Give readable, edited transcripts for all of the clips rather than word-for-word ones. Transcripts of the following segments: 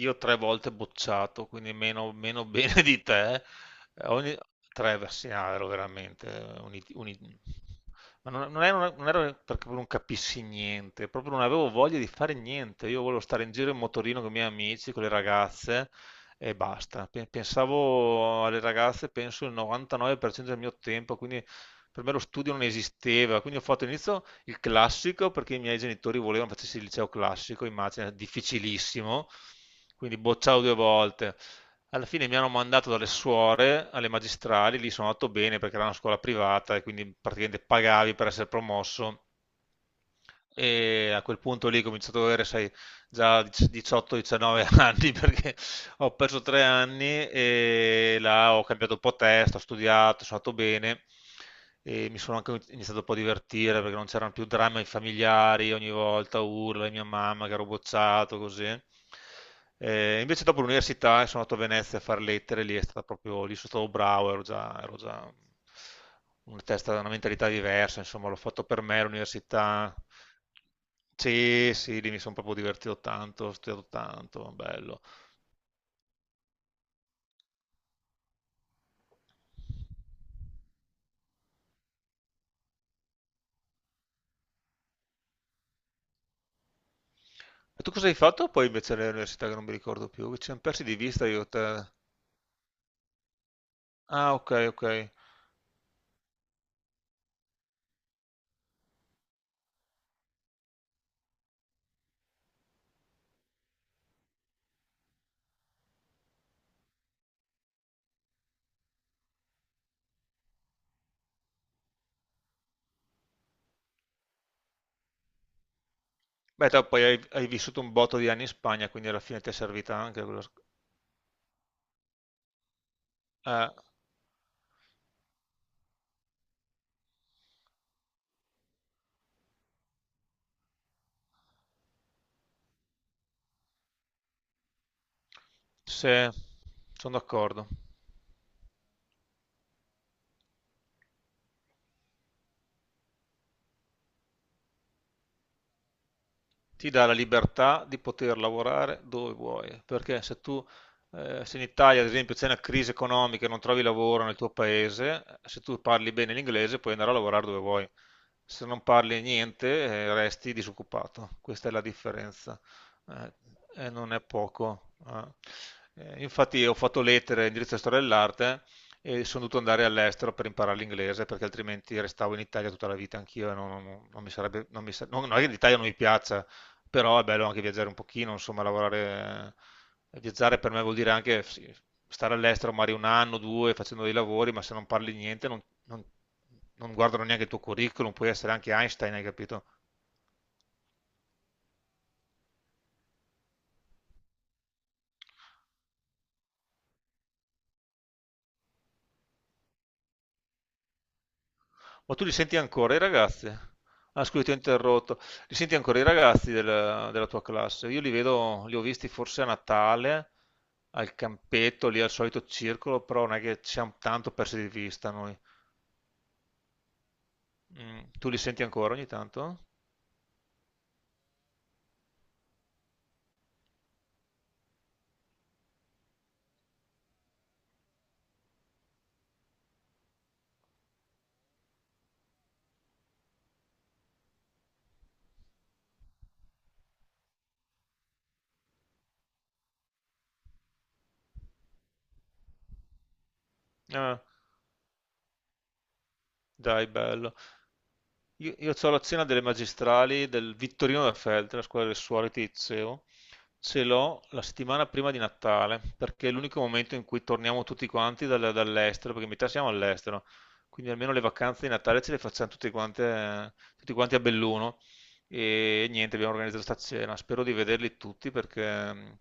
Io tre volte bocciato, quindi meno bene di te. Eh, Ogni... Tre versi, no, ero veramente... un it- un it- Ma non ero perché proprio non capissi niente, proprio non avevo voglia di fare niente. Io volevo stare in giro in motorino con i miei amici, con le ragazze e basta. Pensavo alle ragazze, penso il 99% del mio tempo, quindi per me lo studio non esisteva. Quindi ho fatto all'inizio il classico perché i miei genitori volevano facessi il liceo classico, immagina, difficilissimo. Quindi bocciato due volte. Alla fine mi hanno mandato dalle suore alle magistrali, lì sono andato bene perché era una scuola privata e quindi praticamente pagavi per essere promosso. E a quel punto lì ho cominciato ad avere, sai, già 18-19 anni perché ho perso tre anni e là ho cambiato un po' testa, ho studiato, sono andato bene e mi sono anche iniziato un po' a divertire perché non c'erano più drammi familiari, ogni volta urla, mia mamma che ero bocciato, così. Invece dopo l'università sono andato a Venezia a fare lettere, lì è stata proprio, lì sono stato bravo, ero già una testa, una mentalità diversa, insomma l'ho fatto per me l'università. Sì, sì, lì mi sono proprio divertito tanto, ho studiato tanto, bello. E tu cosa hai fatto poi invece all'università che non mi ricordo più? Che ci siamo persi di vista io e te. Ah, ok, ok. Beh, te poi hai vissuto un botto di anni in Spagna, quindi alla fine ti è servita anche quello... Eh, sì, sono d'accordo. Ti dà la libertà di poter lavorare dove vuoi, perché se tu se in Italia, ad esempio, c'è una crisi economica e non trovi lavoro nel tuo paese, se tu parli bene l'inglese puoi andare a lavorare dove vuoi. Se non parli niente, resti disoccupato. Questa è la differenza. Eh, e non è poco. Eh. Infatti ho fatto lettere in diritto e storia dell'arte e sono dovuto andare all'estero per imparare l'inglese perché altrimenti restavo in Italia tutta la vita anch'io e non mi sarebbe... Non è che l'Italia non mi piaccia, però è bello anche viaggiare un pochino, insomma, lavorare. Viaggiare per me vuol dire anche sì, stare all'estero magari un anno, due, facendo dei lavori, ma se non parli niente non guardano neanche il tuo curriculum, puoi essere anche Einstein, hai capito? Ma tu li senti ancora i ragazzi? Ah, scusi, ti ho interrotto. Li senti ancora i ragazzi della tua classe? Io li vedo, li ho visti forse a Natale, al campetto, lì al solito circolo, però non è che ci siamo tanto persi di vista noi. Mm, tu li senti ancora ogni tanto? Ah. Dai, bello. Io c'ho la cena delle magistrali del Vittorino da Feltre, la scuola del suore che ti dicevo. Ce l'ho la settimana prima di Natale, perché è l'unico momento in cui torniamo tutti quanti dall'estero, perché in metà siamo all'estero, quindi almeno le vacanze di Natale ce le facciamo tutti quanti a Belluno. E niente, abbiamo organizzato sta cena. Spero di vederli tutti perché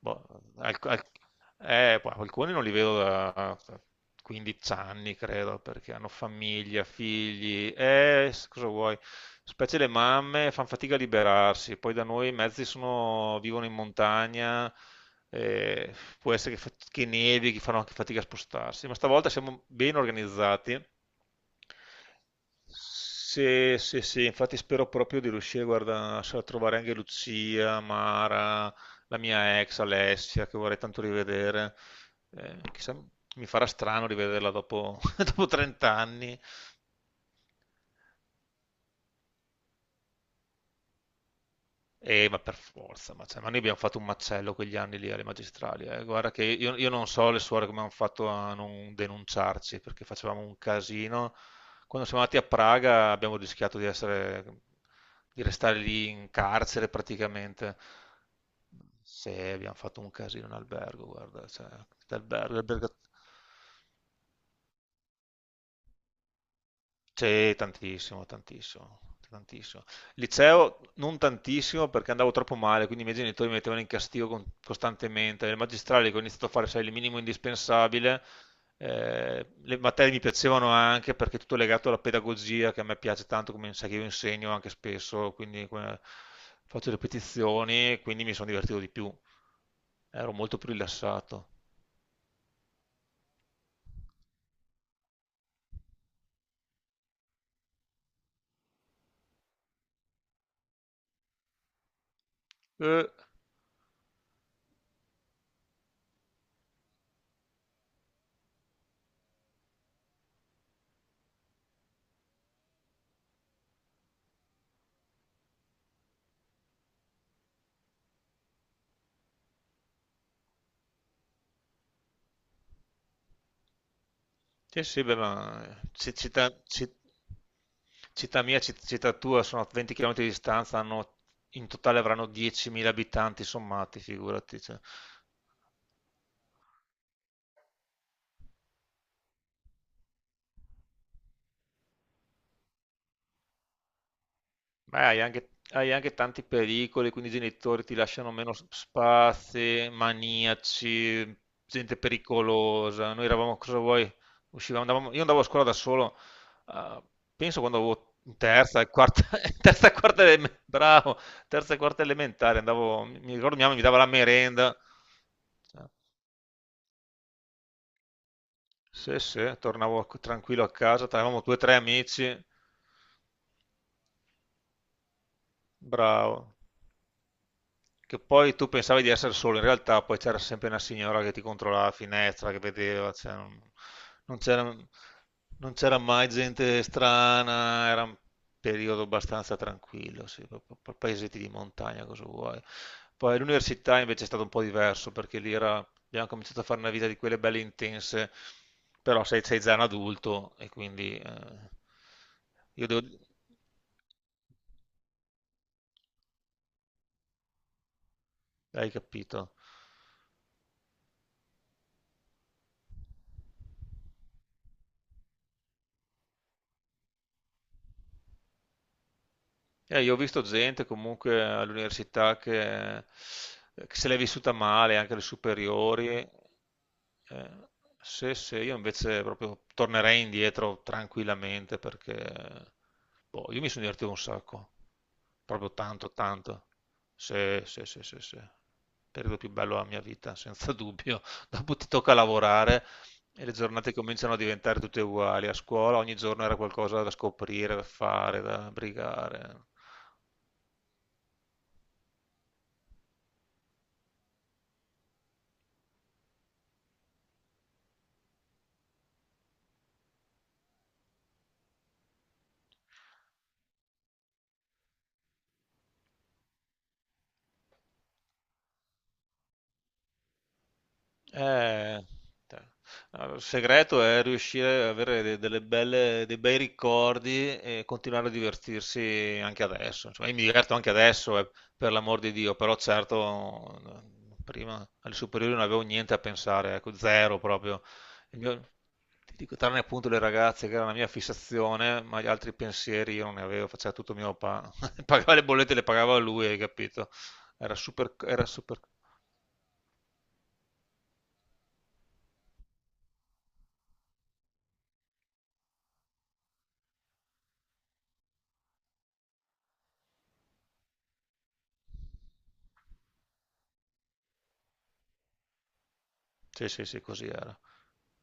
boh, al- al- poi alcuni non li vedo da 15 anni, credo, perché hanno famiglia, figli, cosa vuoi? Specie le mamme fanno fatica a liberarsi, poi da noi i mezzi sono, vivono in montagna, eh, può essere che, che nevi, che fanno anche fatica a spostarsi, ma stavolta siamo ben organizzati. Sì, sì, sì, infatti spero proprio di riuscire, guarda, a trovare anche Lucia, Mara, la mia ex Alessia, che vorrei tanto rivedere. Chissà, mi farà strano rivederla dopo, dopo 30 anni. Ma per forza, ma, cioè, ma noi abbiamo fatto un macello quegli anni lì alle magistrali. Eh. Guarda che io non so le suore come hanno fatto a non denunciarci, perché facevamo un casino. Quando siamo andati a Praga abbiamo rischiato di essere, di restare lì in carcere praticamente. Se abbiamo fatto un casino in albergo, guarda, cioè, l'albergo. Sì, tantissimo. Liceo non tantissimo perché andavo troppo male, quindi i miei genitori mi mettevano in castigo costantemente. Nel magistrale che ho iniziato a fare, sai, il minimo indispensabile, le materie mi piacevano anche perché è tutto legato alla pedagogia che a me piace tanto, come sai che io insegno anche spesso, quindi faccio ripetizioni, quindi mi sono divertito di più, ero molto più rilassato. Sì, sì, beh, ma città tua sono a 20 km di distanza, in totale avranno 10.000 abitanti sommati, figurati. Cioè. Beh, hai anche tanti pericoli, quindi i genitori ti lasciano meno spazi, maniaci, gente pericolosa. Noi eravamo, cosa vuoi? Uscivamo, io andavo a scuola da solo, eh, penso quando avevo in terza, e quarta, in terza, e quarta, eleme- bravo, terza e quarta elementare, andavo, mi ricordo mia mamma mi dava la merenda. Cioè, sì, sì, tornavo tranquillo a casa, avevamo due o tre amici, bravo. Che poi tu pensavi di essere solo, in realtà poi c'era sempre una signora che ti controllava la finestra, che vedeva, cioè, non c'era non c'era mai gente strana, era un periodo abbastanza tranquillo, sì, paesetti di montagna, cosa vuoi. Poi all'università invece è stato un po' diverso, perché abbiamo cominciato a fare una vita di quelle belle intense, però sei già un adulto e quindi io devo... Hai capito? Io ho visto gente comunque all'università che se l'è vissuta male, anche alle superiori. Eh, sì, sì, io invece proprio tornerei indietro tranquillamente perché boh, io mi sono divertito un sacco, proprio tanto. Sì, sì, sì, sì, sì. Periodo più bello della mia vita, senza dubbio. Dopo ti tocca lavorare e le giornate cominciano a diventare tutte uguali. A scuola ogni giorno era qualcosa da scoprire, da fare, da brigare. Eh, te- allora, il segreto è riuscire ad avere delle belle, dei bei ricordi e continuare a divertirsi anche adesso. Insomma, io mi diverto anche adesso, per l'amor di Dio, però certo prima alle superiori non avevo niente a pensare, ecco, zero proprio. Il mio- Ti dico, tranne appunto le ragazze che era la mia fissazione, ma gli altri pensieri io non ne avevo, faceva tutto mio papà. Pagava le bollette, le pagava lui, hai capito? Era super, era super... Sì, sì, sì, così era.